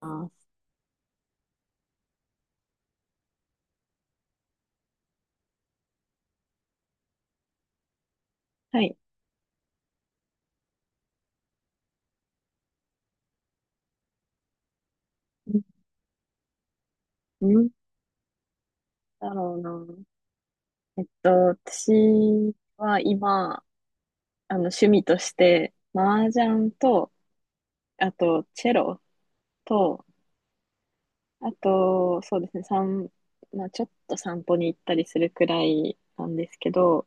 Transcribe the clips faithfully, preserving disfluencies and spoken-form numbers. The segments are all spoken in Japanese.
ます。はい。うんなんだろうな。えっと、私は今、あの、趣味として、麻雀と、あと、チェロと、あと、そうですね、散、まあ、ちょっと散歩に行ったりするくらいなんですけど、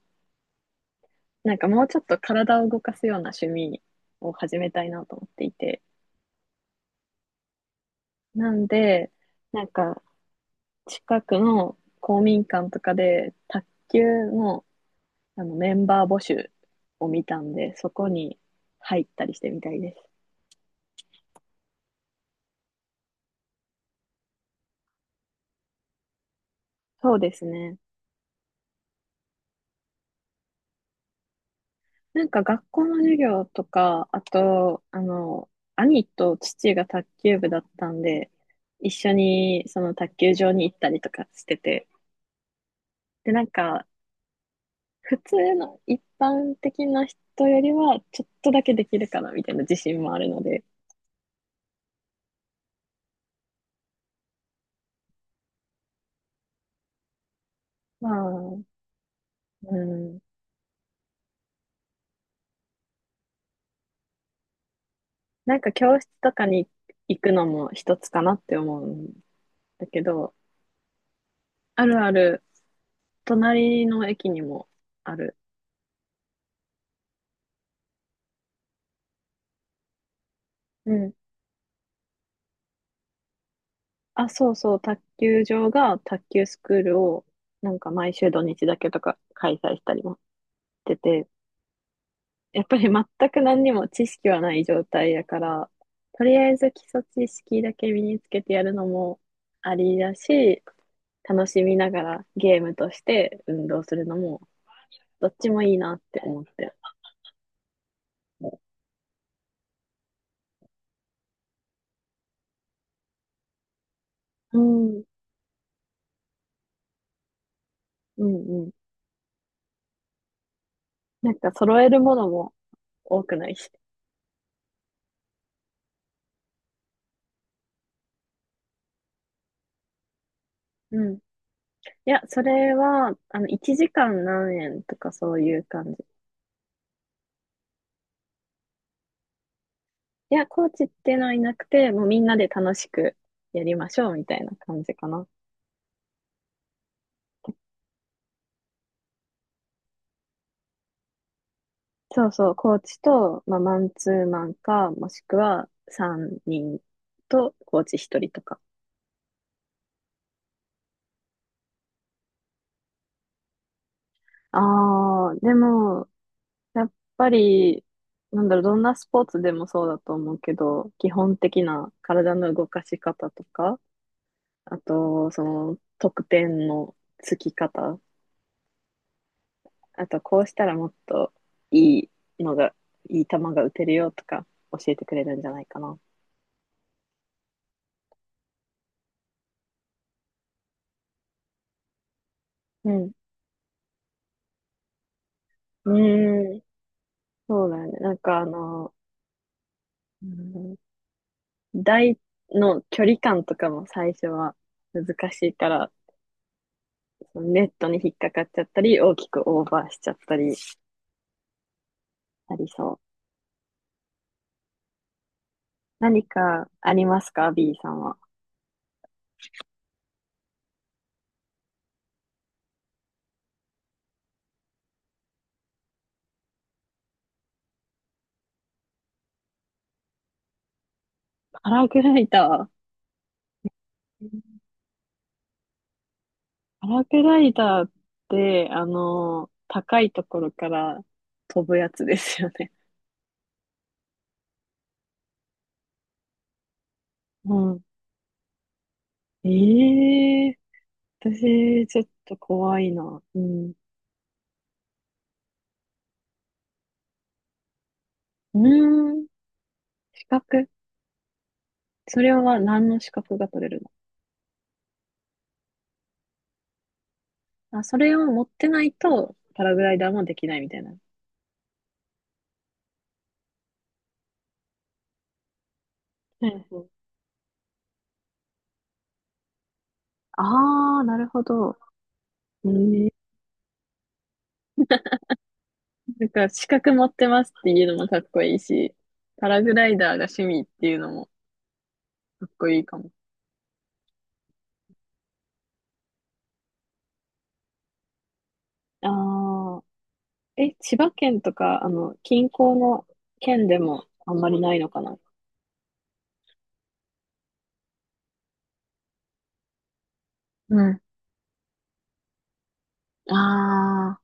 なんかもうちょっと体を動かすような趣味を始めたいなと思っていて。なんで、なんか、近くの公民館とかで、卓球のあの、メンバー募集を見たんで、そこに入ったりしてみたいです。そうですね。なんか学校の授業とか、あと、あの、兄と父が卓球部だったんで、一緒にその卓球場に行ったりとかしてて、で、なんか、普通の一般的な人よりは、ちょっとだけできるかなみたいな自信もあるので、まあ、うん、なんか教室とかに行くのも一つかなって思うんだけど、あるある、隣の駅にもある。うん。あ、そうそう、卓球場が卓球スクールを、なんか毎週土日だけとか開催したりもしてて、やっぱり全く何にも知識はない状態やから、とりあえず基礎知識だけ身につけてやるのもありだし、楽しみながらゲームとして運動するのも、どっちもいいなって思って。うん、うん、うん。なんか揃えるものも多くないし。うんいや、それは、あの、いちじかん何円とかそういう感じ。いや、コーチっていうのはいなくて、もうみんなで楽しくやりましょうみたいな感じかな。そうそう、コーチと、まあ、マンツーマンか、もしくはさんにんとコーチひとりとか。ああ、でも、やっぱり、なんだろう、どんなスポーツでもそうだと思うけど、基本的な体の動かし方とか、あと、その、得点のつき方、あとこうしたらもっといいのが、いい球が打てるよとか教えてくれるんじゃないかな。うん。うーん。そうだよね。なんかあの、うん、台の距離感とかも最初は難しいから、そのネットに引っかかっちゃったり、大きくオーバーしちゃったりありそう。何かありますか？ B さんは。パラグライダー。うんパラグライダーって、あの、高いところから飛ぶやつですよね。うん。ええ、私、ちょっと怖いな。うん。うーん。資格。それは何の資格が取れるの？あ、それを持ってないと、パラグライダーもできないみたいな。はいはい。ああ、なるほど。ええなんか、資格持ってますっていうのもかっこいいし、パラグライダーが趣味っていうのもかっこいいかも。ああ、え、千葉県とか、あの、近郊の県でもあんまりないのかな？うん。あ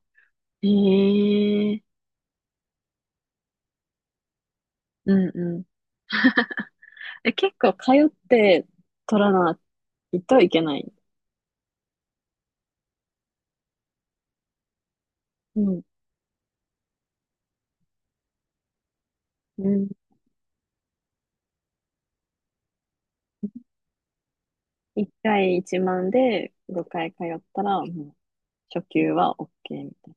あ、ええ、うんうん。え、結構通って取らないといけない。うん。うん。いっかいいちまんでごかい通ったら、もう初級は OK みたい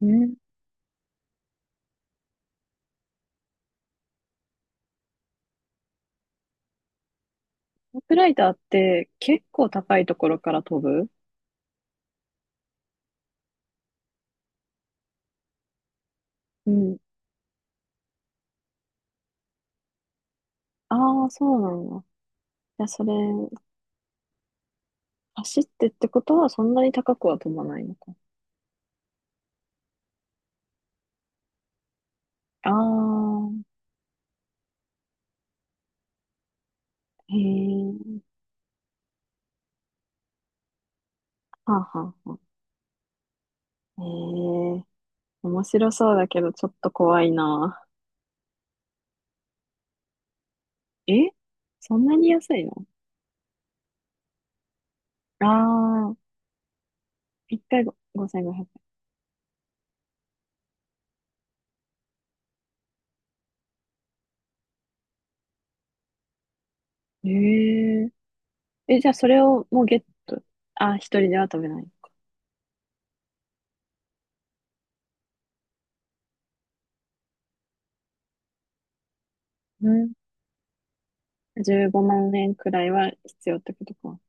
な。うん。トップライターって結構高いところから飛ぶ？うん。ああー、そうなんだ。いや、それ、走ってってことはそんなに高くは飛ばないのか。ああ、へえ。はあ、はあ、はあ。へえ。面白そうだけど、ちょっと怖いな。え、そんなに安いの？ああ、一回ごご ご ぜろえん。ええー。え、じゃあそれをもうゲット。あ、一人では食べない。うん。じゅうごまん円くらいは必要ってことか。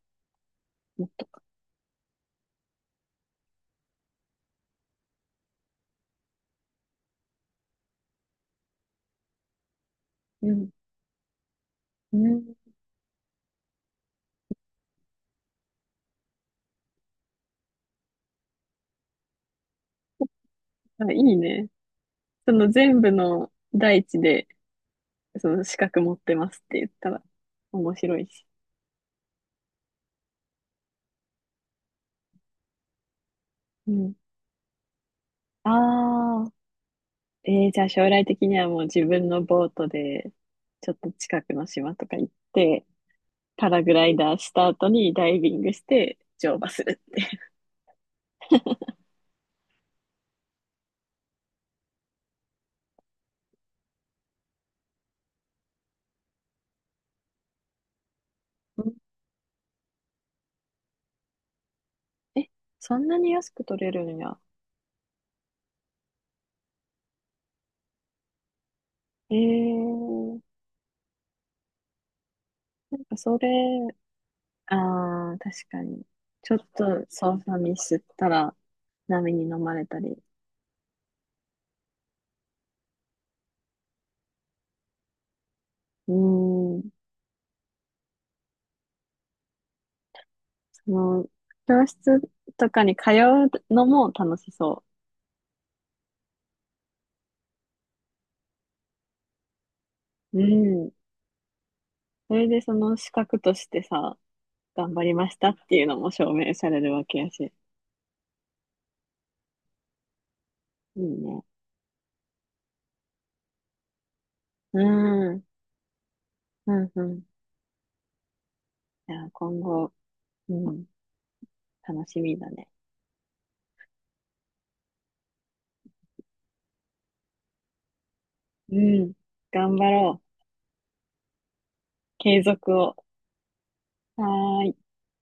もっとか。うん。うん。あ、いいね。その全部の大地で、その資格持ってますって言ったら面白いし。うん。ああ、えー、じゃあ将来的にはもう自分のボートで、ちょっと近くの島とか行って、パラグライダーした後にダイビングして乗馬するって。うんえ、そんなに安く取れるんや。えー、なんかそれ、ああ、確かに。ちょっと操作ミスったら波に飲まれたり。うーん、その、教室とかに通うのも楽しそう。うん。それでその資格としてさ、頑張りましたっていうのも証明されるわけやし。いいね。うん、うん、うん。じゃあ今後、うん、楽しみだね。うん、頑張ろう。継続を。はーい。